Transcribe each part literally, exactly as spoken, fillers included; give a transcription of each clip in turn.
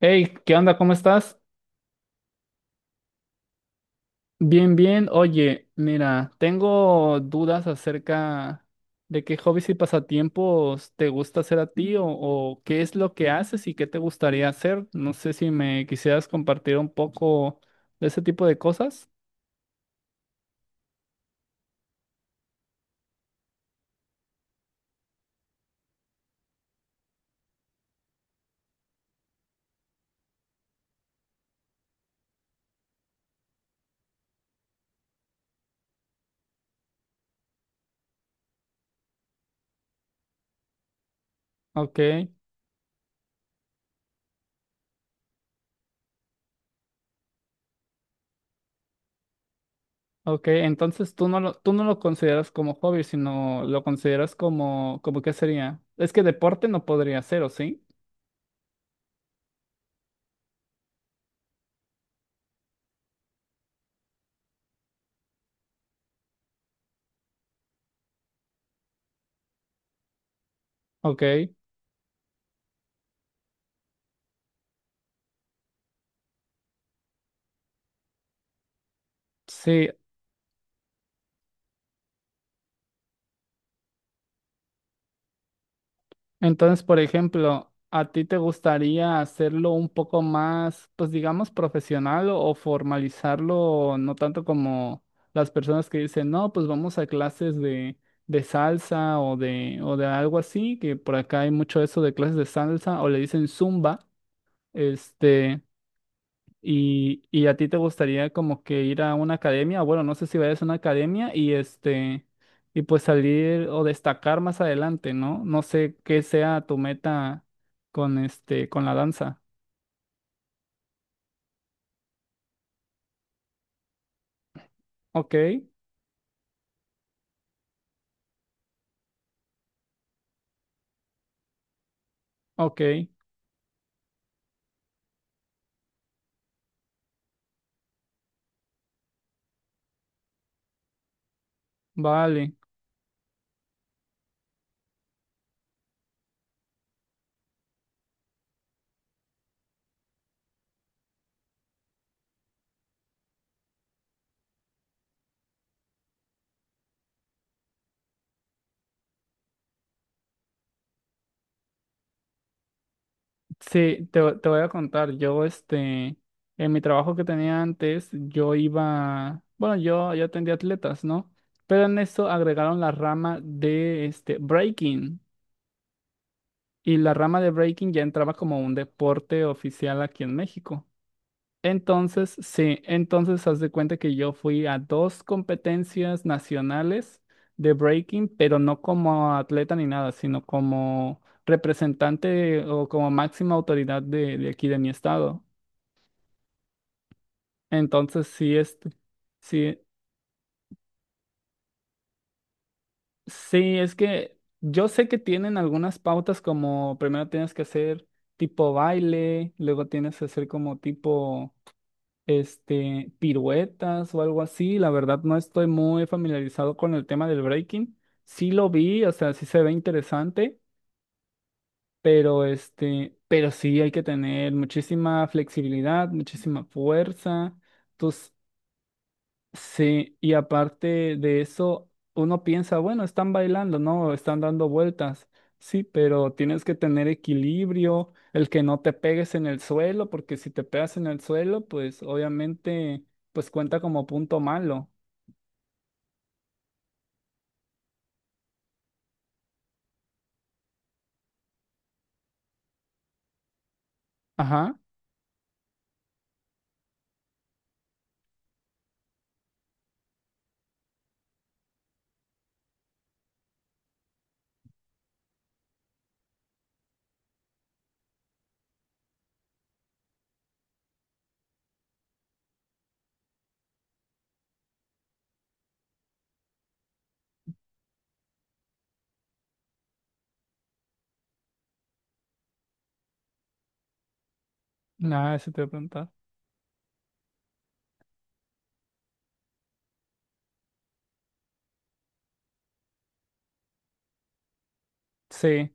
Hey, ¿qué onda? ¿Cómo estás? Bien, bien. Oye, mira, tengo dudas acerca de qué hobbies y pasatiempos te gusta hacer a ti o, o qué es lo que haces y qué te gustaría hacer. No sé si me quisieras compartir un poco de ese tipo de cosas. Ok, ok. Entonces tú no lo, tú no lo consideras como hobby, sino lo consideras como, como qué sería. Es que deporte no podría ser, ¿o sí? Ok. Sí. Entonces, por ejemplo, ¿a ti te gustaría hacerlo un poco más, pues digamos, profesional o, o formalizarlo, no tanto como las personas que dicen, no, pues vamos a clases de, de salsa o de, o de algo así, que por acá hay mucho eso de clases de salsa, o le dicen zumba. Este. ¿Y, y a ti te gustaría como que ir a una academia? Bueno, no sé si vayas a una academia y este, y pues salir o destacar más adelante, ¿no? No sé qué sea tu meta con este, con la danza. Ok, ok, vale. Sí, te, vo- te voy a contar. Yo, este, en mi trabajo que tenía antes, yo iba, bueno, yo, yo atendía atletas, ¿no? Pero en eso agregaron la rama de este breaking. Y la rama de breaking ya entraba como un deporte oficial aquí en México. Entonces, sí. Entonces haz de cuenta que yo fui a dos competencias nacionales de breaking, pero no como atleta ni nada, sino como representante o como máxima autoridad de, de aquí de mi estado. Entonces, sí, este, sí, sí, es que yo sé que tienen algunas pautas como primero tienes que hacer tipo baile, luego tienes que hacer como tipo este, piruetas o algo así. La verdad no estoy muy familiarizado con el tema del breaking. Sí lo vi, o sea, sí se ve interesante, pero este, pero sí hay que tener muchísima flexibilidad, muchísima fuerza. Tus Sí, y aparte de eso, uno piensa, bueno, están bailando, ¿no? Están dando vueltas. Sí, pero tienes que tener equilibrio, el que no te pegues en el suelo, porque si te pegas en el suelo, pues obviamente, pues cuenta como punto malo. Ajá, nada, eso te voy a preguntar. Sí,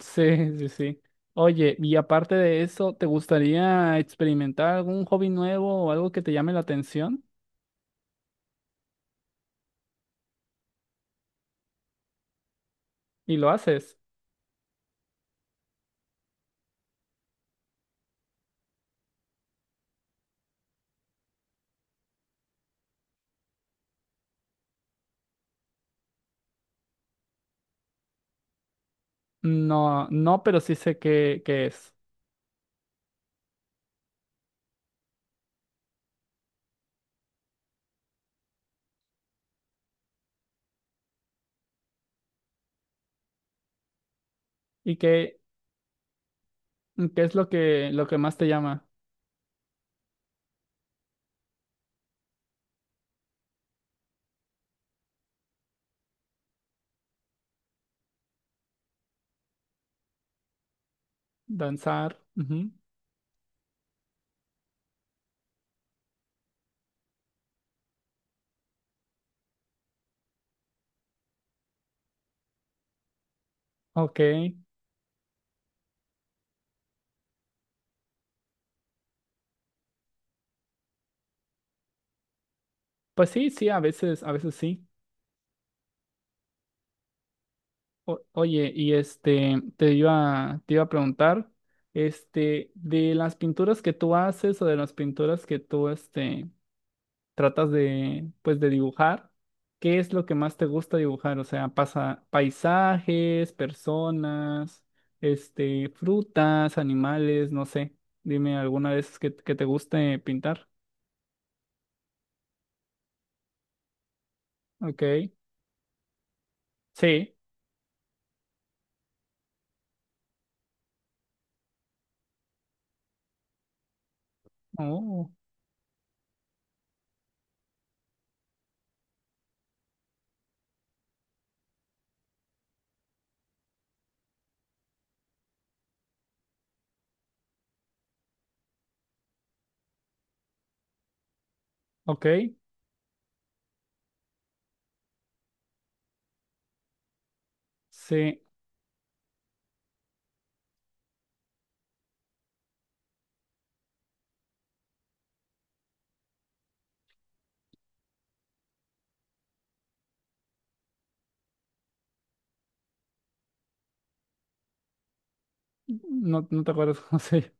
sí, sí, sí. Oye, y aparte de eso, ¿te gustaría experimentar algún hobby nuevo o algo que te llame la atención? ¿Y lo haces? No, no, pero sí sé qué, qué es. ¿Y qué, qué es lo que, lo que más te llama? Danzar. Ujú. Ok. Pues sí, sí, a veces, a veces sí. O- oye, y este, te iba, te iba a preguntar, este, de las pinturas que tú haces o de las pinturas que tú, este, tratas de, pues, de dibujar, ¿qué es lo que más te gusta dibujar? O sea, pasa paisajes, personas, este, frutas, animales, no sé. Dime alguna vez que, que te guste pintar. Ok, sí. Oh, ok, sí. No, no te acuerdas cómo se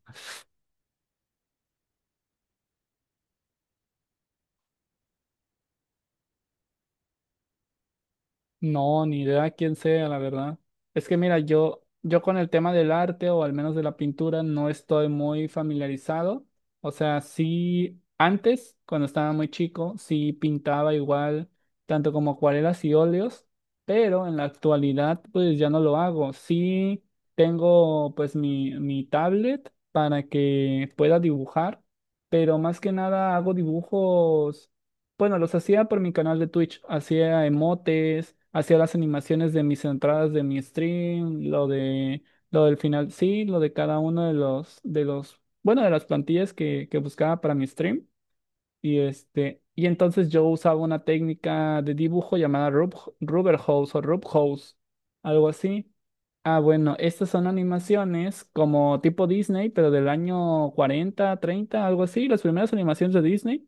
No, ni idea quién sea, la verdad. Es que mira, yo, yo con el tema del arte o al menos de la pintura no estoy muy familiarizado. O sea, sí, antes, cuando estaba muy chico, sí pintaba igual, tanto como acuarelas y óleos, pero en la actualidad pues ya no lo hago. Sí tengo pues mi, mi tablet para que pueda dibujar, pero más que nada hago dibujos, bueno, los hacía por mi canal de Twitch. Hacía emotes, hacía las animaciones de mis entradas de mi stream, lo de lo del final, sí, lo de cada uno de los de los, bueno, de las plantillas que, que buscaba para mi stream. Y este, y entonces yo usaba una técnica de dibujo llamada Rub, Rubber Hose o Rub Hose, algo así. Ah, bueno, estas son animaciones como tipo Disney, pero del año cuarenta, treinta, algo así, las primeras animaciones de Disney.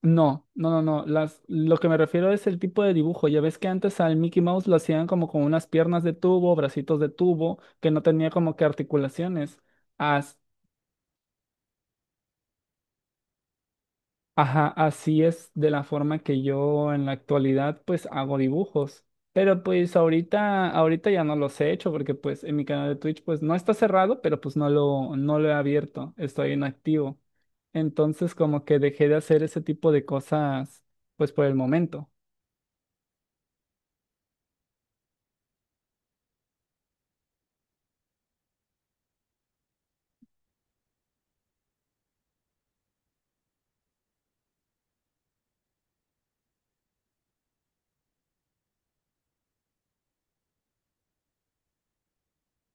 No, no, no, no. Las, lo que me refiero es el tipo de dibujo. Ya ves que antes al Mickey Mouse lo hacían como con unas piernas de tubo, bracitos de tubo, que no tenía como que articulaciones. As- ajá, así es de la forma que yo en la actualidad pues hago dibujos. Pero pues ahorita, ahorita ya no los he hecho porque pues en mi canal de Twitch pues no está cerrado, pero pues no lo, no lo he abierto. Estoy inactivo. Entonces como que dejé de hacer ese tipo de cosas pues por el momento.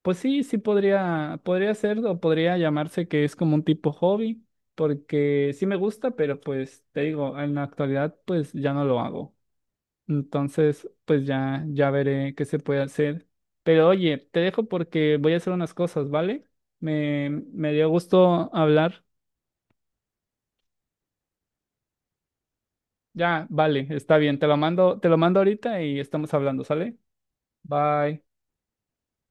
Pues sí, sí podría, podría ser o podría llamarse que es como un tipo hobby, porque sí me gusta, pero pues te digo, en la actualidad pues ya no lo hago. Entonces, pues ya, ya veré qué se puede hacer. Pero oye, te dejo porque voy a hacer unas cosas, ¿vale? Me, me dio gusto hablar. Ya, vale, está bien. Te lo mando, te lo mando ahorita y estamos hablando, ¿sale? Bye.